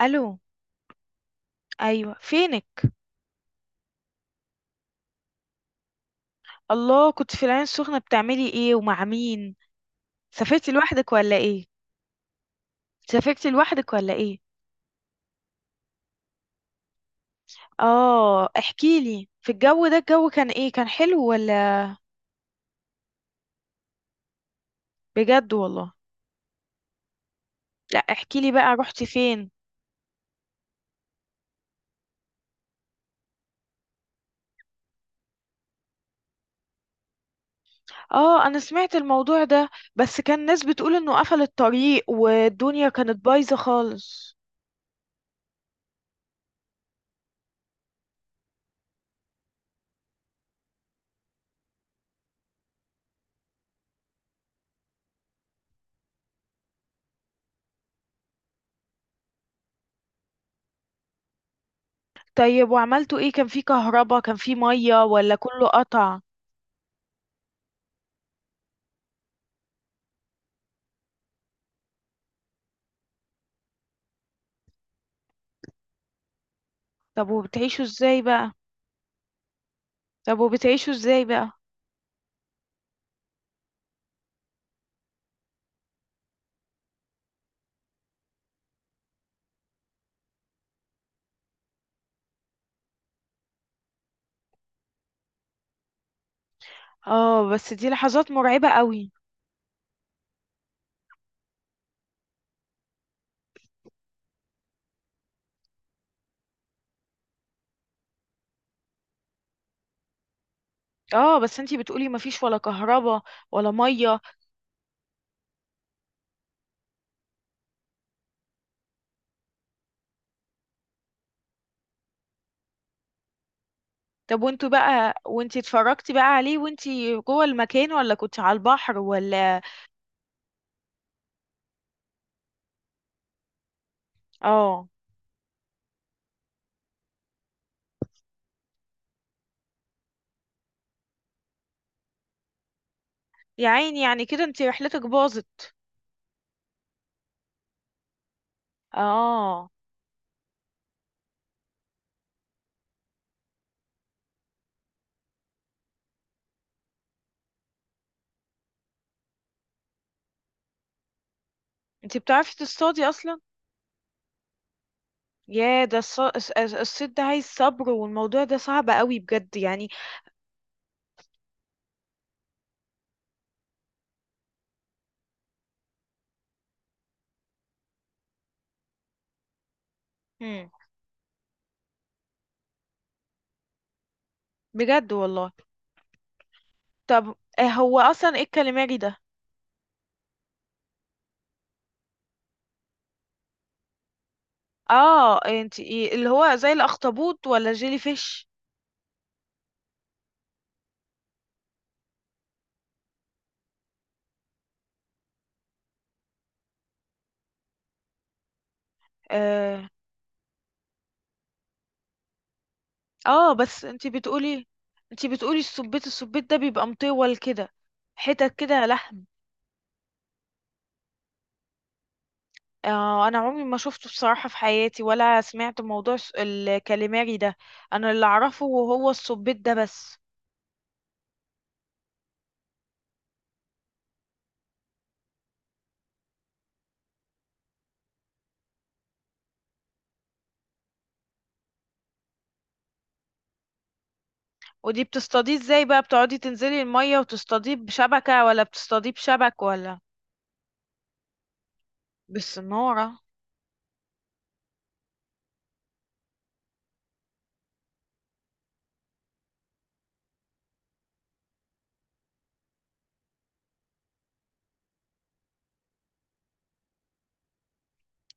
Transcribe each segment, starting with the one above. الو. ايوه، فينك؟ الله، كنت في العين السخنه، بتعملي ايه ومع مين؟ سافرتي لوحدك ولا ايه؟ سافرتي لوحدك ولا ايه؟ اه احكي لي، في الجو ده الجو كان ايه، كان حلو ولا؟ بجد والله. لا احكي لي بقى، رحتي فين؟ اه انا سمعت الموضوع ده، بس كان ناس بتقول انه قفل الطريق والدنيا كانت بايظه خالص. طيب وعملتوا ايه، كان في كهرباء كان في ميه ولا كله قطع؟ طب وبتعيشوا ازاي بقى؟ طب وبتعيشوا ازاي بقى؟ اه بس دي لحظات مرعبة قوي. اه بس انتي بتقولي مفيش ولا كهرباء ولا مية. طب وانتوا بقى وانتي اتفرجتي بقى عليه وانتي جوه المكان ولا كنت على البحر ولا؟ اه. يا عيني، يعني كده انتي رحلتك باظت. اه. انتي بتعرفي تصطادي اصلا؟ يا ده الصيد ده عايز صبر، والموضوع ده صعب قوي بجد يعني. مم. بجد والله. طب هو اصلا ايه الكاليماري ده؟ اه انتي اللي هو زي الاخطبوط ولا جيلي فيش؟ آه. اه بس انتي بتقولي السبيت، السبيت ده بيبقى مطول كده، حتت كده لحم؟ آه انا عمري ما شفته بصراحة في حياتي، ولا سمعت موضوع الكاليماري ده. انا اللي اعرفه هو السبيت ده بس. ودي بتصطاديه ازاي بقى، بتقعدي تنزلي المية وتصطاديه بشبكة ولا بتصطاديه بشبك ولا؟ بالصنارة.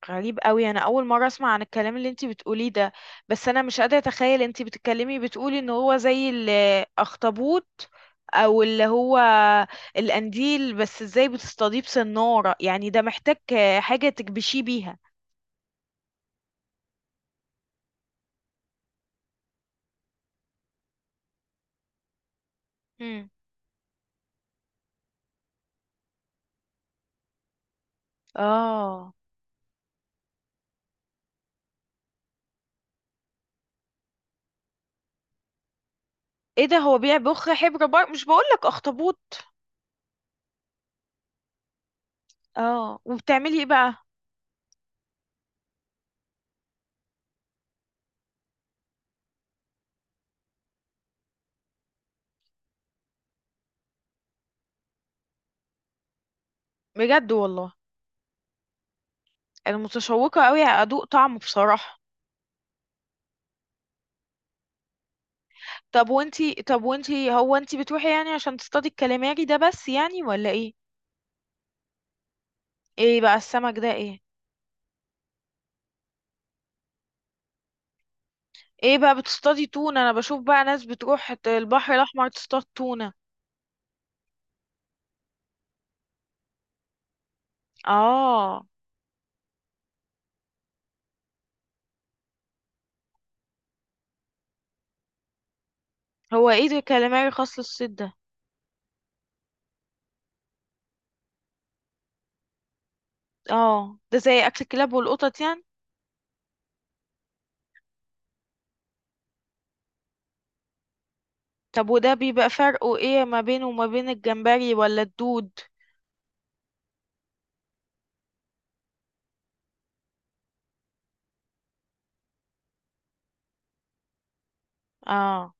غريب قوي، انا اول مره اسمع عن الكلام اللي انتي بتقوليه ده. بس انا مش قادره اتخيل، انتي بتتكلمي بتقولي ان هو زي الاخطبوط او اللي هو القنديل، بس ازاي بتصطاديه بسناره؟ يعني ده محتاج حاجه تكبشيه بيها. مم. اه. ايه ده، هو بيبخ حبر؟ بر مش بقولك اخطبوط. اه وبتعملي ايه بقى؟ بجد والله. انا متشوقه قوي ادوق طعمه بصراحه. طب وانتي، طب وانتي، هو انتي بتروحي يعني عشان تصطادي الكلاماري ده بس يعني ولا ايه؟ ايه بقى السمك ده ايه؟ ايه بقى، بتصطادي تونة؟ انا بشوف بقى ناس بتروح البحر الاحمر تصطاد تونة. اه. هو ايه ده كاليماري خاص للصيد ده؟ اه ده زي اكل الكلاب والقطط يعني؟ طب وده بيبقى فرقه ايه ما بينه وما بين الجمبري ولا الدود؟ اه.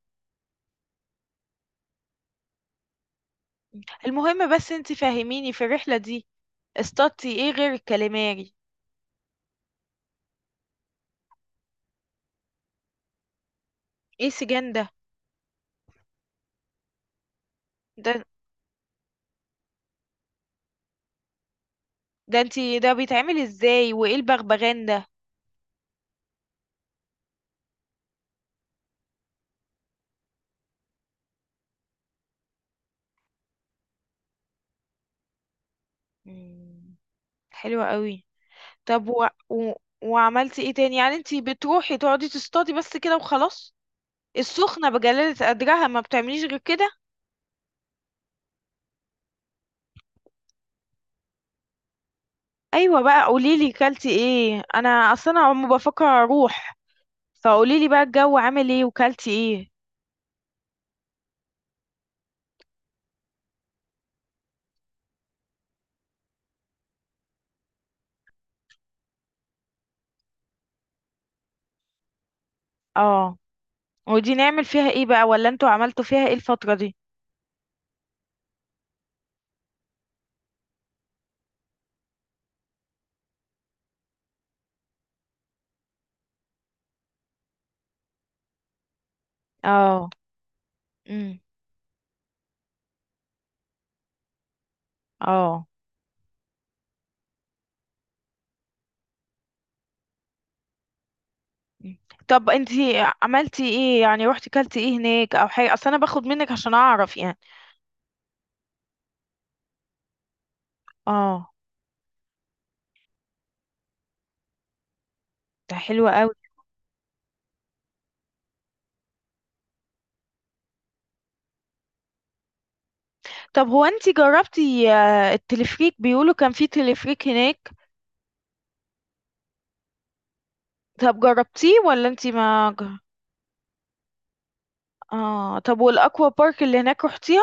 المهم بس انت فاهميني، في الرحلة دي اصطادتي ايه غير الكاليماري؟ ايه سجان ده؟ ده ده انت، ده بيتعمل ازاي، وايه البغبغان ده؟ مم، حلوة قوي. طب وعملتي ايه تاني؟ يعني انتي بتروحي تقعدي تصطادي بس كده وخلاص؟ السخنة بجلالة قدرها ما بتعمليش غير كده؟ ايوه بقى، قوليلي كلتي ايه، انا اصلا عم بفكر اروح. فقوليلي بقى الجو عامل ايه وكلتي ايه. اه. ودي نعمل فيها ايه بقى، ولا انتوا عملتوا فيها ايه الفترة دي؟ اه. امم. اه. مم. طب انتي عملتي ايه يعني، روحتي كلتي ايه هناك او حاجة؟ اصل انا باخد منك عشان اعرف يعني. اه. ده حلو قوي. طب هو انتي جربتي التلفريك، بيقولوا كان في تلفريك هناك. طب جربتيه ولا انتي ما ج- اه. طب والاكوا بارك اللي هناك روحتيها؟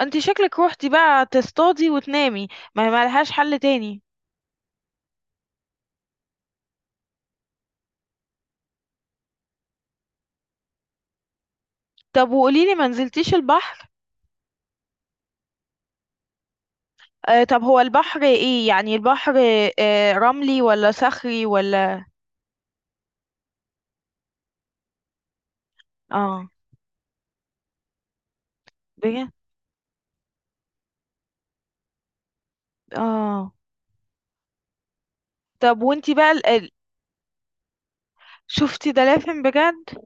انتي شكلك روحتي بقى تصطادي وتنامي، ما هي ملهاش حل تاني. طب وقوليلي، ما نزلتيش البحر؟ آه. طب هو البحر ايه يعني، البحر آه رملي ولا صخري ولا؟ اه. بجد؟ اه. طب وانتي بقى شفتي دلافين بجد؟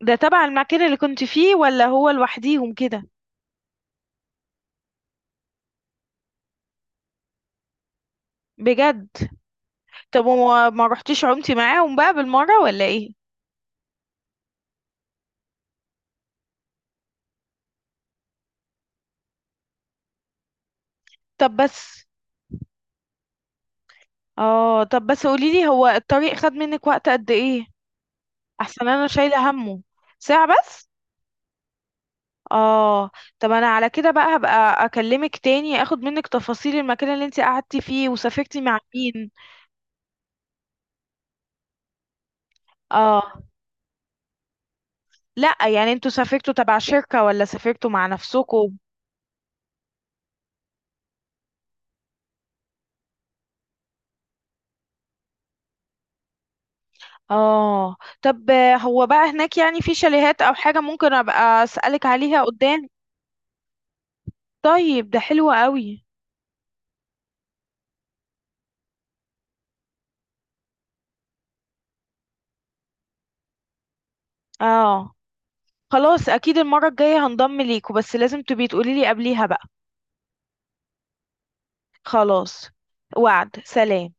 ده تبع المكان اللي كنت فيه ولا هو لوحديهم كده؟ بجد. طب وما ما رحتيش عمتي معاهم بقى بالمرة ولا ايه؟ طب بس، اه طب بس قوليلي، هو الطريق خد منك وقت قد ايه؟ احسن انا شايلة همه. ساعة بس؟ اه. طب انا على كده بقى، هبقى اكلمك تاني اخد منك تفاصيل المكان اللي انت قعدتي فيه وسافرتي مع مين. اه. لا يعني انتوا سافرتوا تبع شركة ولا سافرتوا مع نفسكم؟ اه. طب هو بقى هناك يعني في شاليهات او حاجة ممكن ابقى اسألك عليها قدام؟ طيب ده حلو قوي. اه. خلاص اكيد المرة الجاية هنضم ليكوا، بس لازم تبقي تقولي لي قبليها بقى. خلاص. وعد. سلام.